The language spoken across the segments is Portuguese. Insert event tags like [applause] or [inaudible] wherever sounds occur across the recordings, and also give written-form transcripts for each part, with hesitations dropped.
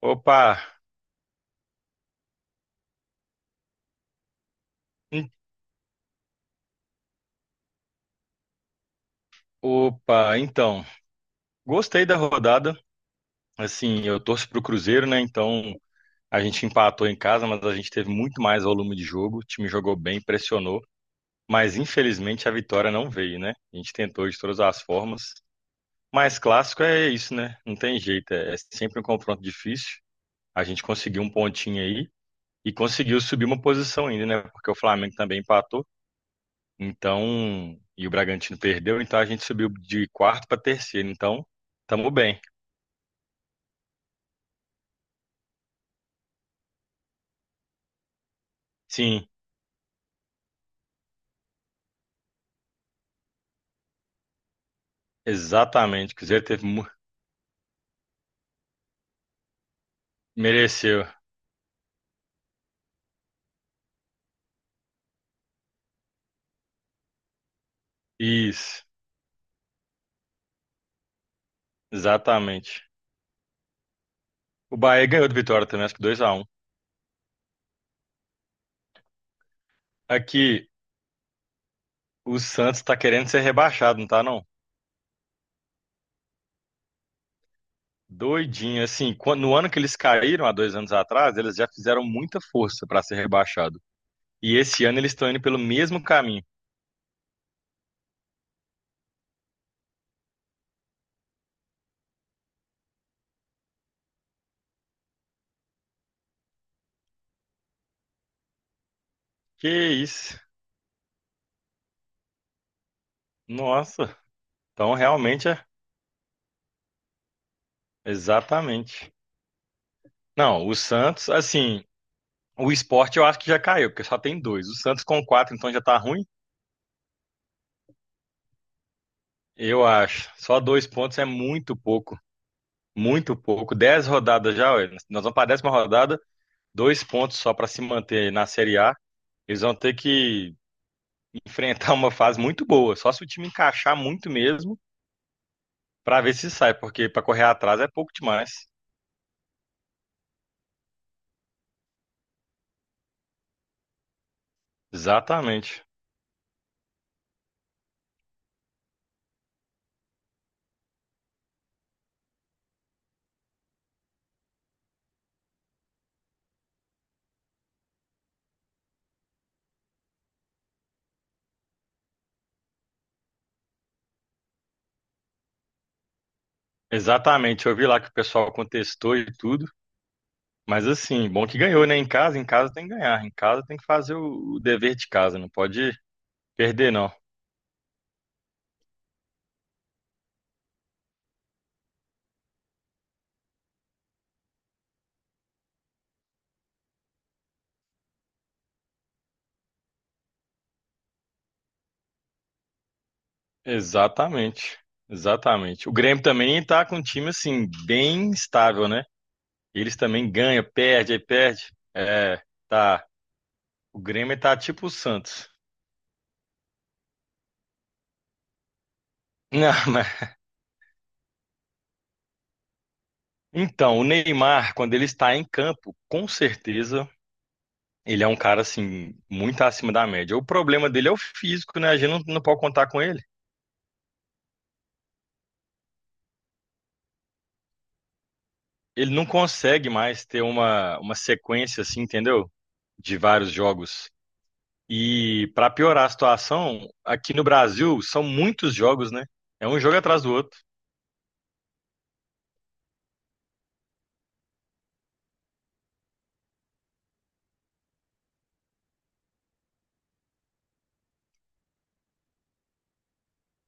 Opa, en- então, gostei da rodada. Assim, eu torço pro Cruzeiro, né? Então, a gente empatou em casa, mas a gente teve muito mais volume de jogo. O time jogou bem, pressionou, mas infelizmente a vitória não veio, né? A gente tentou de todas as formas. Mas clássico é isso, né? Não tem jeito, é sempre um confronto difícil. A gente conseguiu um pontinho aí e conseguiu subir uma posição ainda, né? Porque o Flamengo também empatou. Então, e o Bragantino perdeu, então a gente subiu de quarto para terceiro. Então, tamo bem. Sim, exatamente. O Cruzeiro teve, mereceu. Isso, exatamente. O Bahia ganhou do Vitória também, acho que 2x1. Aqui, o Santos tá querendo ser rebaixado, não tá não? Doidinho, assim, quando, no ano que eles caíram, há dois anos atrás, eles já fizeram muita força para ser rebaixado. E esse ano eles estão indo pelo mesmo caminho. Que isso? Nossa, então realmente é exatamente. Não, o Santos, assim, o Sport eu acho que já caiu, porque só tem dois. O Santos com quatro, então já tá ruim? Eu acho. Só dois pontos é muito pouco. Muito pouco. Dez rodadas já, ué. Nós vamos para a décima rodada, dois pontos só para se manter na Série A. Eles vão ter que enfrentar uma fase muito boa, só se o time encaixar muito mesmo, para ver se sai, porque para correr atrás é pouco demais. Exatamente. Exatamente. Eu vi lá que o pessoal contestou e tudo. Mas assim, bom que ganhou, né? Em casa tem que ganhar. Em casa tem que fazer o dever de casa, não pode perder, não. Exatamente. Exatamente. O Grêmio também tá com um time assim, bem estável, né? Eles também ganham, perde, aí perde. É, tá. O Grêmio tá tipo o Santos. [laughs] Não, mas... Então, o Neymar, quando ele está em campo, com certeza ele é um cara assim, muito acima da média. O problema dele é o físico, né? A gente não pode contar com ele. Ele não consegue mais ter uma sequência assim, entendeu? De vários jogos. E para piorar a situação, aqui no Brasil são muitos jogos, né? É um jogo atrás do outro.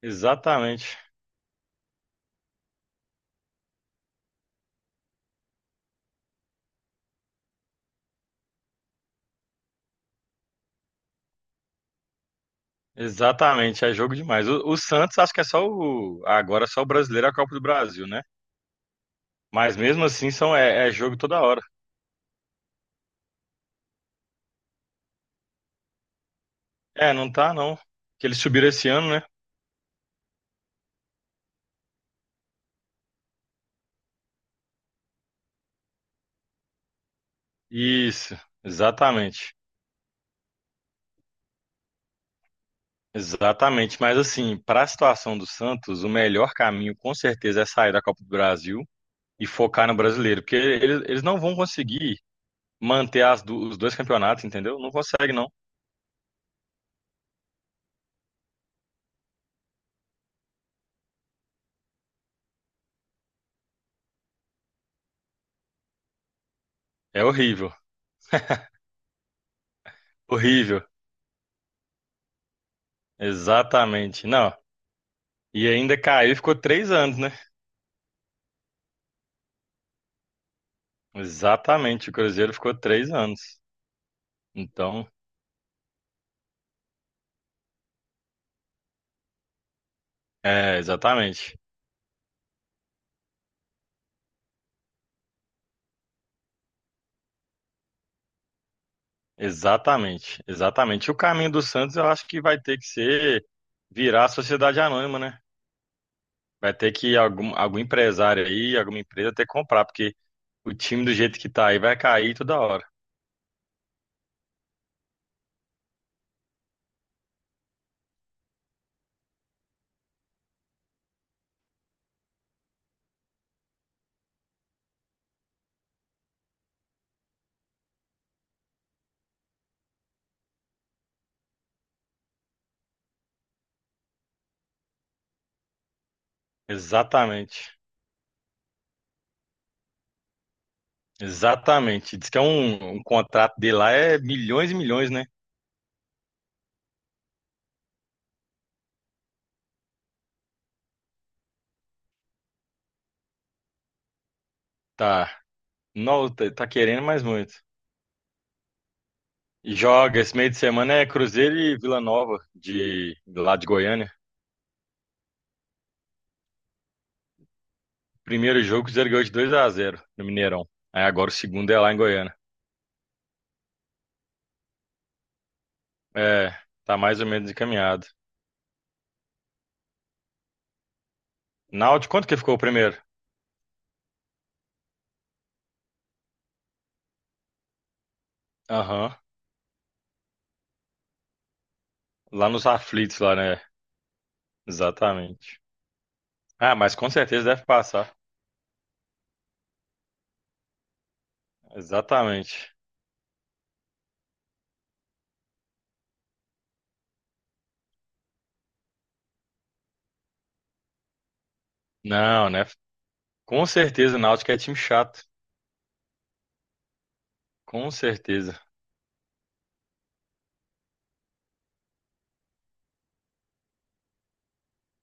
Exatamente. Exatamente, é jogo demais. O Santos acho que é só o agora é só o brasileiro é a Copa do Brasil, né? Mas mesmo assim são é jogo toda hora. É, não tá não. Que eles subiram esse ano, né? Isso, exatamente. Exatamente, mas assim, para a situação do Santos, o melhor caminho com certeza é sair da Copa do Brasil e focar no brasileiro, porque eles não vão conseguir manter os dois campeonatos, entendeu? Não consegue, não. É horrível, horrível. Exatamente, não. E ainda caiu e ficou três anos, né? Exatamente, o Cruzeiro ficou três anos. Então, é, exatamente, exatamente, exatamente. O caminho do Santos eu acho que vai ter que ser virar a sociedade anônima, né? Vai ter que algum, algum empresário aí, alguma empresa ter que comprar, porque o time do jeito que tá aí vai cair toda hora. Exatamente. Exatamente. Diz que é um contrato dele lá é milhões e milhões, né? Tá. Não, tá querendo mais muito. E joga esse meio de semana é Cruzeiro e Vila Nova, de, lá de Goiânia. Primeiro jogo, o Cruzeiro ganhou de 2x0 no Mineirão. Aí agora o segundo é lá em Goiânia. É, tá mais ou menos encaminhado. Náutico, quanto que ficou o primeiro? Aham. Lá nos aflitos, lá, né? Exatamente. Ah, mas com certeza deve passar. Exatamente. Não, né? Com certeza o Náutico é time chato. Com certeza.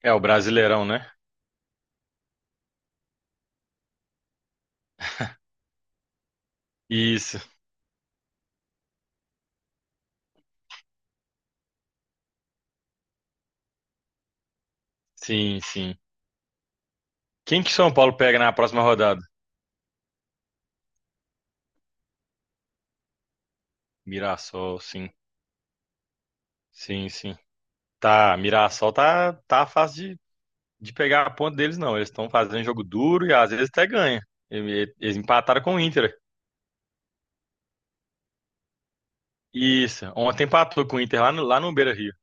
É o Brasileirão, né? Isso. Sim, sim. Quem que São Paulo pega na próxima rodada? Mirassol, sim. Sim, sim. Tá, Mirassol tá, tá fácil de pegar a ponta deles, não. Eles estão fazendo jogo duro e às vezes até ganha. Ele- Eles empataram com o Inter. Isso. Ontem empatou com o Inter lá no Beira-Rio.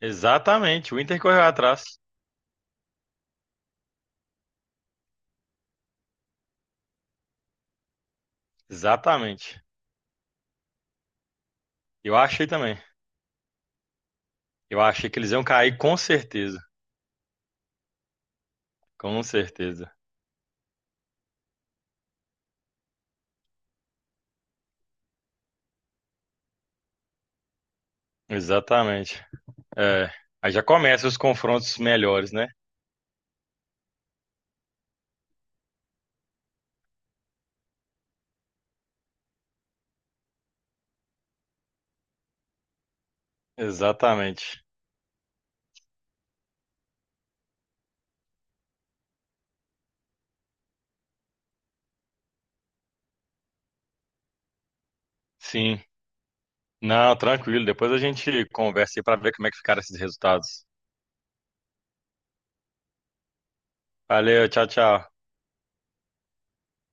Exatamente. O Inter correu atrás. Exatamente. Eu achei também. Eu achei que eles iam cair com certeza. Com certeza. Exatamente. É. Aí já começam os confrontos melhores, né? Exatamente. Sim. Não, tranquilo. Depois a gente conversa aí pra ver como é que ficaram esses resultados. Valeu, tchau, tchau.